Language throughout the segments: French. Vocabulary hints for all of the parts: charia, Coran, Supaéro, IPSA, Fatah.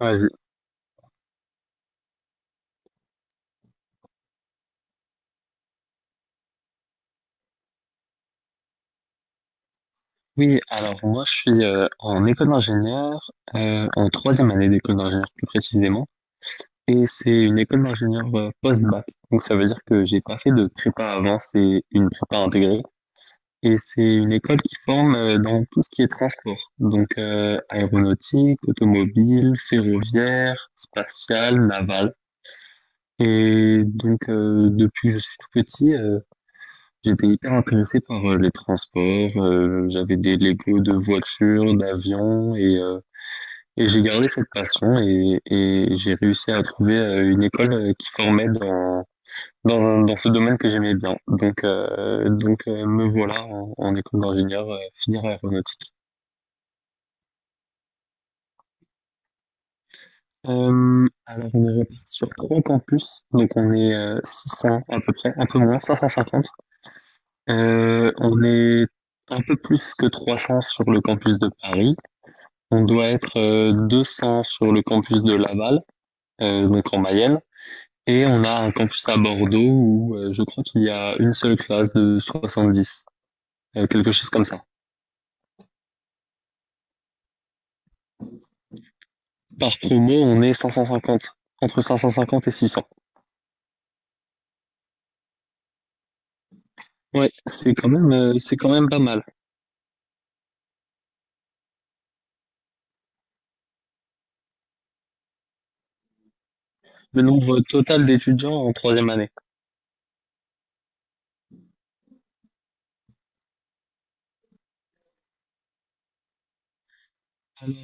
Vas-y. Oui, alors moi je suis en école d'ingénieur, en troisième année d'école d'ingénieur plus précisément, et c'est une école d'ingénieur post-bac. Donc ça veut dire que j'ai pas fait de prépa avant, c'est une prépa intégrée, et c'est une école qui forme dans tout ce qui est transport, donc aéronautique, automobile, ferroviaire, spatial, naval. Et donc depuis que je suis tout petit, j'étais hyper intéressé par les transports, j'avais des Legos de voitures, d'avions et j'ai gardé cette passion et j'ai réussi à trouver une école qui formait dans ce domaine que j'aimais bien. Me voilà en école d'ingénieur, finir aéronautique. Alors on est reparti sur trois campus, donc on est 600 à peu près, un peu moins, 550. On est un peu plus que 300 sur le campus de Paris. On doit être 200 sur le campus de Laval, donc en Mayenne, et on a un campus à Bordeaux où je crois qu'il y a une seule classe de 70, quelque chose comme ça. Par promo, on est 550, entre 550 et 600. Ouais, c'est quand même pas mal, le nombre total d'étudiants en troisième année. Alors,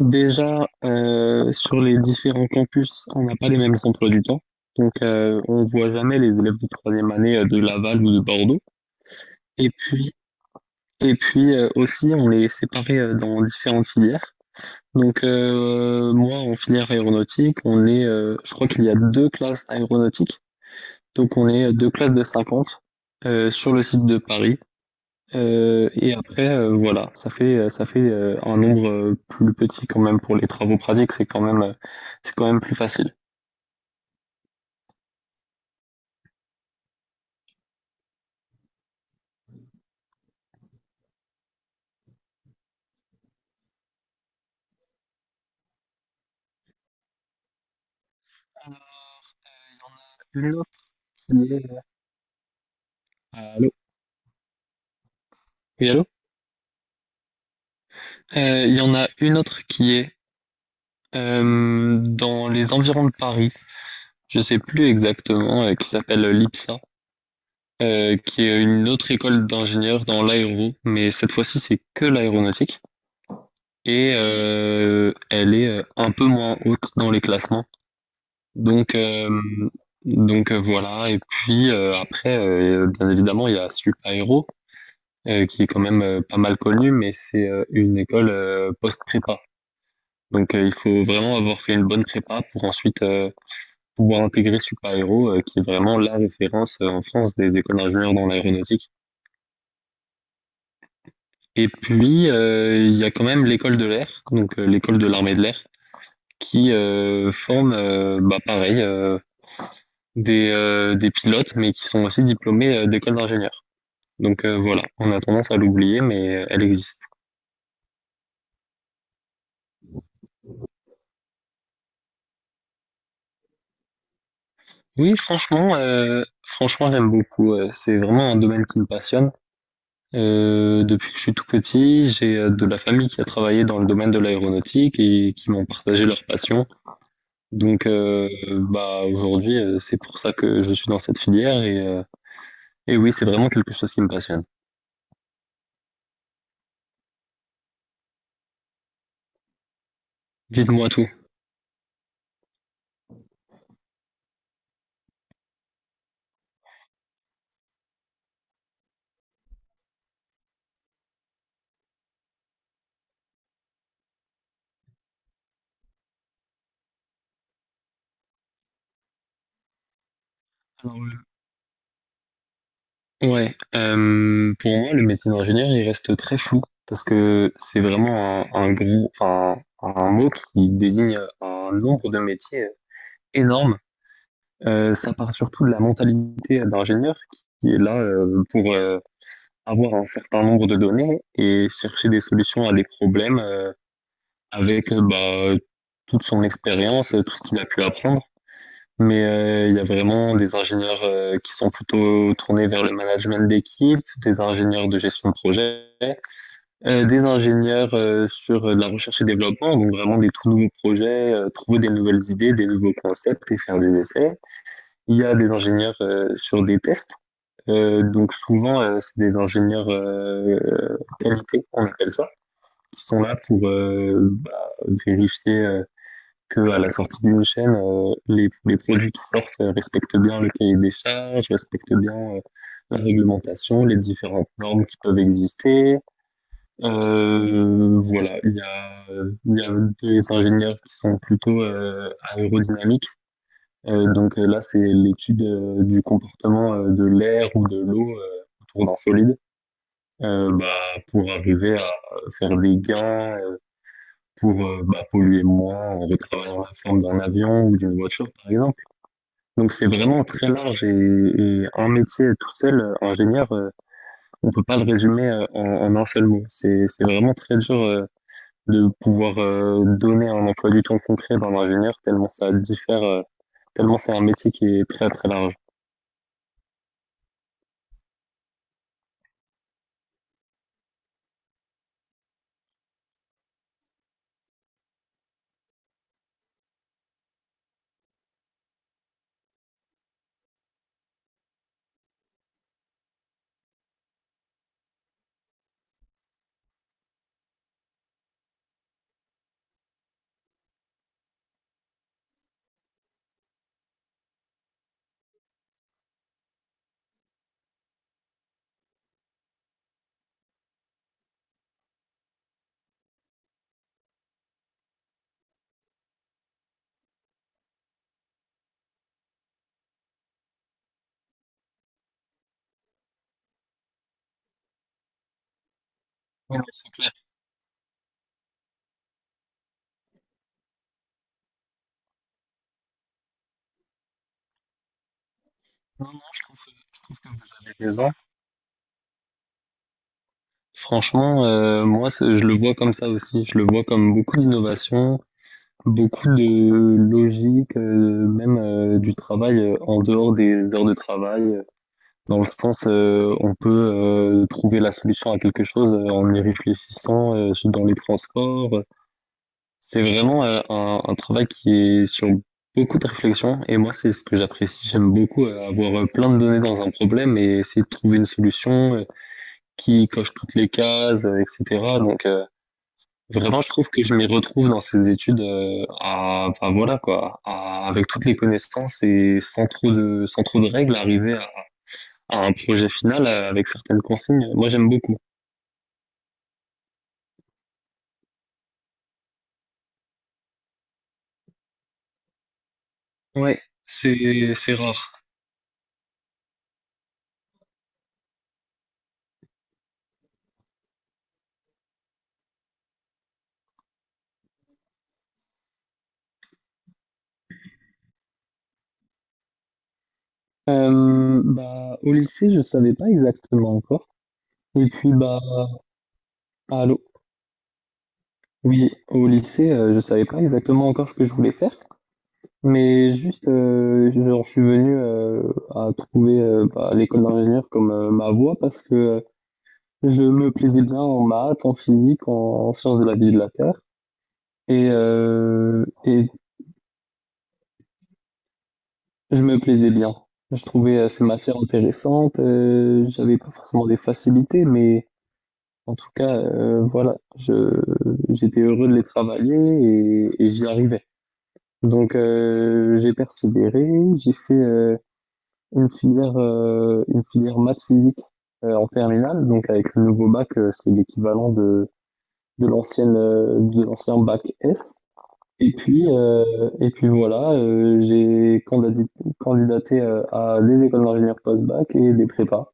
déjà, sur les différents campus, on n'a pas les mêmes emplois du temps, donc on voit jamais les élèves de troisième année de Laval ou de Bordeaux. Et puis, Et puis aussi, on les séparait dans différentes filières. Donc moi, en filière aéronautique, on est, je crois qu'il y a deux classes aéronautiques. Donc on est deux classes de 50 sur le site de Paris. Et après, voilà, ça fait un nombre plus petit quand même pour les travaux pratiques. C'est quand même plus facile. Alors, il y en a une autre qui est allô? Oui, allô? Il y en a une autre qui est dans les environs de Paris. Je sais plus exactement, qui s'appelle l'IPSA, qui est une autre école d'ingénieurs dans l'aéro, mais cette fois-ci c'est que l'aéronautique et elle est un peu moins haute dans les classements. Donc euh, donc voilà. Et puis après, bien évidemment, il y a Supaéro qui est quand même pas mal connue, mais c'est une école post-prépa. Donc il faut vraiment avoir fait une bonne prépa pour ensuite pouvoir intégrer Supaéro, qui est vraiment la référence en France des écoles d'ingénieurs dans l'aéronautique. Et puis, il y a quand même l'école de l'air, donc l'école de l'armée de l'air, qui forme, bah, pareil, des pilotes, mais qui sont aussi diplômés d'écoles d'ingénieurs. Donc voilà, on a tendance à l'oublier, mais elle existe. Oui, franchement, j'aime beaucoup. C'est vraiment un domaine qui me passionne. Depuis que je suis tout petit, j'ai de la famille qui a travaillé dans le domaine de l'aéronautique et qui m'ont partagé leur passion. Donc, bah aujourd'hui, c'est pour ça que je suis dans cette filière et oui, c'est vraiment quelque chose qui me passionne. Dites-moi tout. Alors, ouais, pour moi, le métier d'ingénieur, il reste très flou parce que c'est vraiment un gros, enfin, un mot qui désigne un nombre de métiers énorme. Ça part surtout de la mentalité d'ingénieur qui est là pour avoir un certain nombre de données et chercher des solutions à des problèmes avec toute son expérience, tout ce qu'il a pu apprendre. Mais il y a vraiment des ingénieurs qui sont plutôt tournés vers le management d'équipe, des ingénieurs de gestion de projet, des ingénieurs sur de la recherche et développement, donc vraiment des tout nouveaux projets, trouver des nouvelles idées, des nouveaux concepts et faire des essais. Il y a des ingénieurs sur des tests. Donc souvent, c'est des ingénieurs qualité, on appelle ça, qui sont là pour vérifier que à la sortie d'une chaîne, les produits qui sortent respectent bien le cahier des charges, respectent bien la réglementation, les différentes normes qui peuvent exister. Voilà, il y a des ingénieurs qui sont plutôt aérodynamiques. Donc là, c'est l'étude du comportement de l'air ou de l'eau autour d'un solide. Bah, pour arriver à faire des gains, pour polluer moins en retravaillant la forme d'un avion ou d'une voiture, par exemple. Donc c'est vraiment très large et un métier tout seul, ingénieur, on peut pas le résumer, en un seul mot. C'est vraiment très dur, de pouvoir, donner un emploi du temps concret d'un ingénieur tellement ça diffère, tellement c'est un métier qui est très, très large. Oui, oui, c'est clair. Non, non, je trouve que vous avez raison. Franchement, moi, c'est je le vois comme ça aussi. Je le vois comme beaucoup d'innovations, beaucoup de logique, même, du travail, en dehors des heures de travail, dans le sens, on peut, trouver la solution à quelque chose, en y réfléchissant, dans les transports, c'est vraiment, un travail qui est sur beaucoup de réflexion et moi, c'est ce que j'apprécie. J'aime beaucoup, avoir, plein de données dans un problème et essayer de trouver une solution, qui coche toutes les cases, et cetera donc vraiment, je trouve que je m'y retrouve dans ces études, à, enfin voilà quoi, avec toutes les connaissances et sans trop de règles, arriver à un projet final avec certaines consignes. Moi, j'aime beaucoup. Ouais. C'est rare. Bah, au lycée, je savais pas exactement encore. Et puis, bah, allô? Oui, au lycée, je savais pas exactement encore ce que je voulais faire. Mais juste, genre, je suis venu à trouver l'école d'ingénieur comme ma voie parce que je me plaisais bien en maths, en physique, en sciences de la vie et de la terre. Et je me plaisais bien. Je trouvais ces matières intéressantes. J'avais pas forcément des facilités, mais en tout cas, voilà, je, j'étais heureux de les travailler et j'y arrivais. Donc j'ai persévéré, j'ai fait une filière maths physique en terminale. Donc avec le nouveau bac, c'est l'équivalent de l'ancien bac S. Et puis, heu, et puis voilà, j'ai candadi candidaté, à des écoles d'ingénieurs post-bac et des prépas,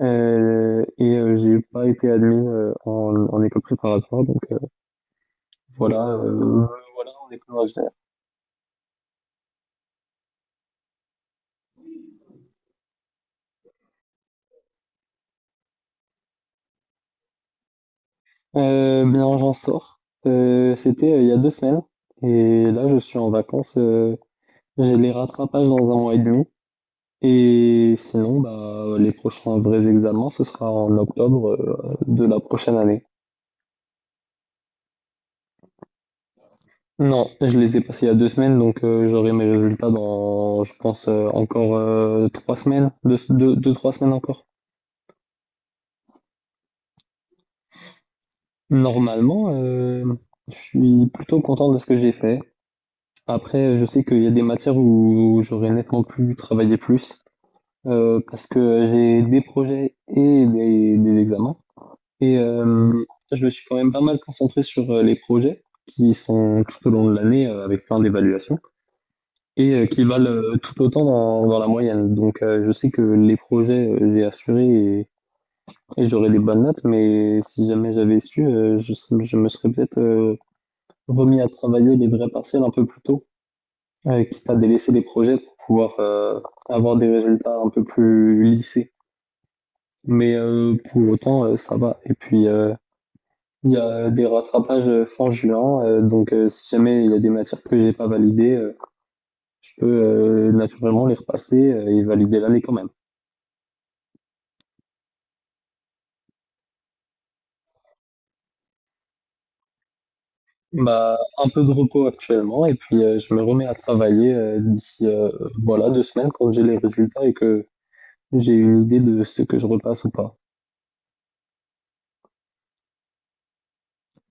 et j'ai pas été admis, en école préparatoire donc voilà, heu, voilà en école d'ingénieur. Bien j'en sors, c'était, il y a 2 semaines et là je suis en vacances, j'ai les rattrapages dans un mois et demi et sinon, bah, les prochains vrais examens, ce sera en octobre, de la prochaine année. Non, je les ai passés il y a deux semaines, donc j'aurai mes résultats dans, je pense, encore trois semaines, trois semaines encore. Normalement, je suis plutôt content de ce que j'ai fait. Après, je sais qu'il y a des matières où j'aurais nettement pu travailler plus, parce que j'ai des projets des examens. Et je me suis quand même pas mal concentré sur les projets qui sont tout au long de l'année avec plein d'évaluations. Et qui valent, tout autant dans la moyenne. Donc je sais que les projets, j'ai assuré et j'aurais des bonnes notes, mais si jamais j'avais su, je me serais peut-être, remis à travailler les vrais partiels un peu plus tôt, quitte à délaisser les projets pour pouvoir, avoir des résultats un peu plus lissés. Mais pour autant, ça va et puis, il y a des rattrapages, fin juin, donc si jamais il y a des matières que j'ai pas validées, je peux, naturellement les repasser, et valider l'année quand même. Bah, un peu de repos actuellement et puis je me remets à travailler d'ici voilà deux semaines quand j'ai les résultats et que j'ai une idée de ce que je repasse ou pas.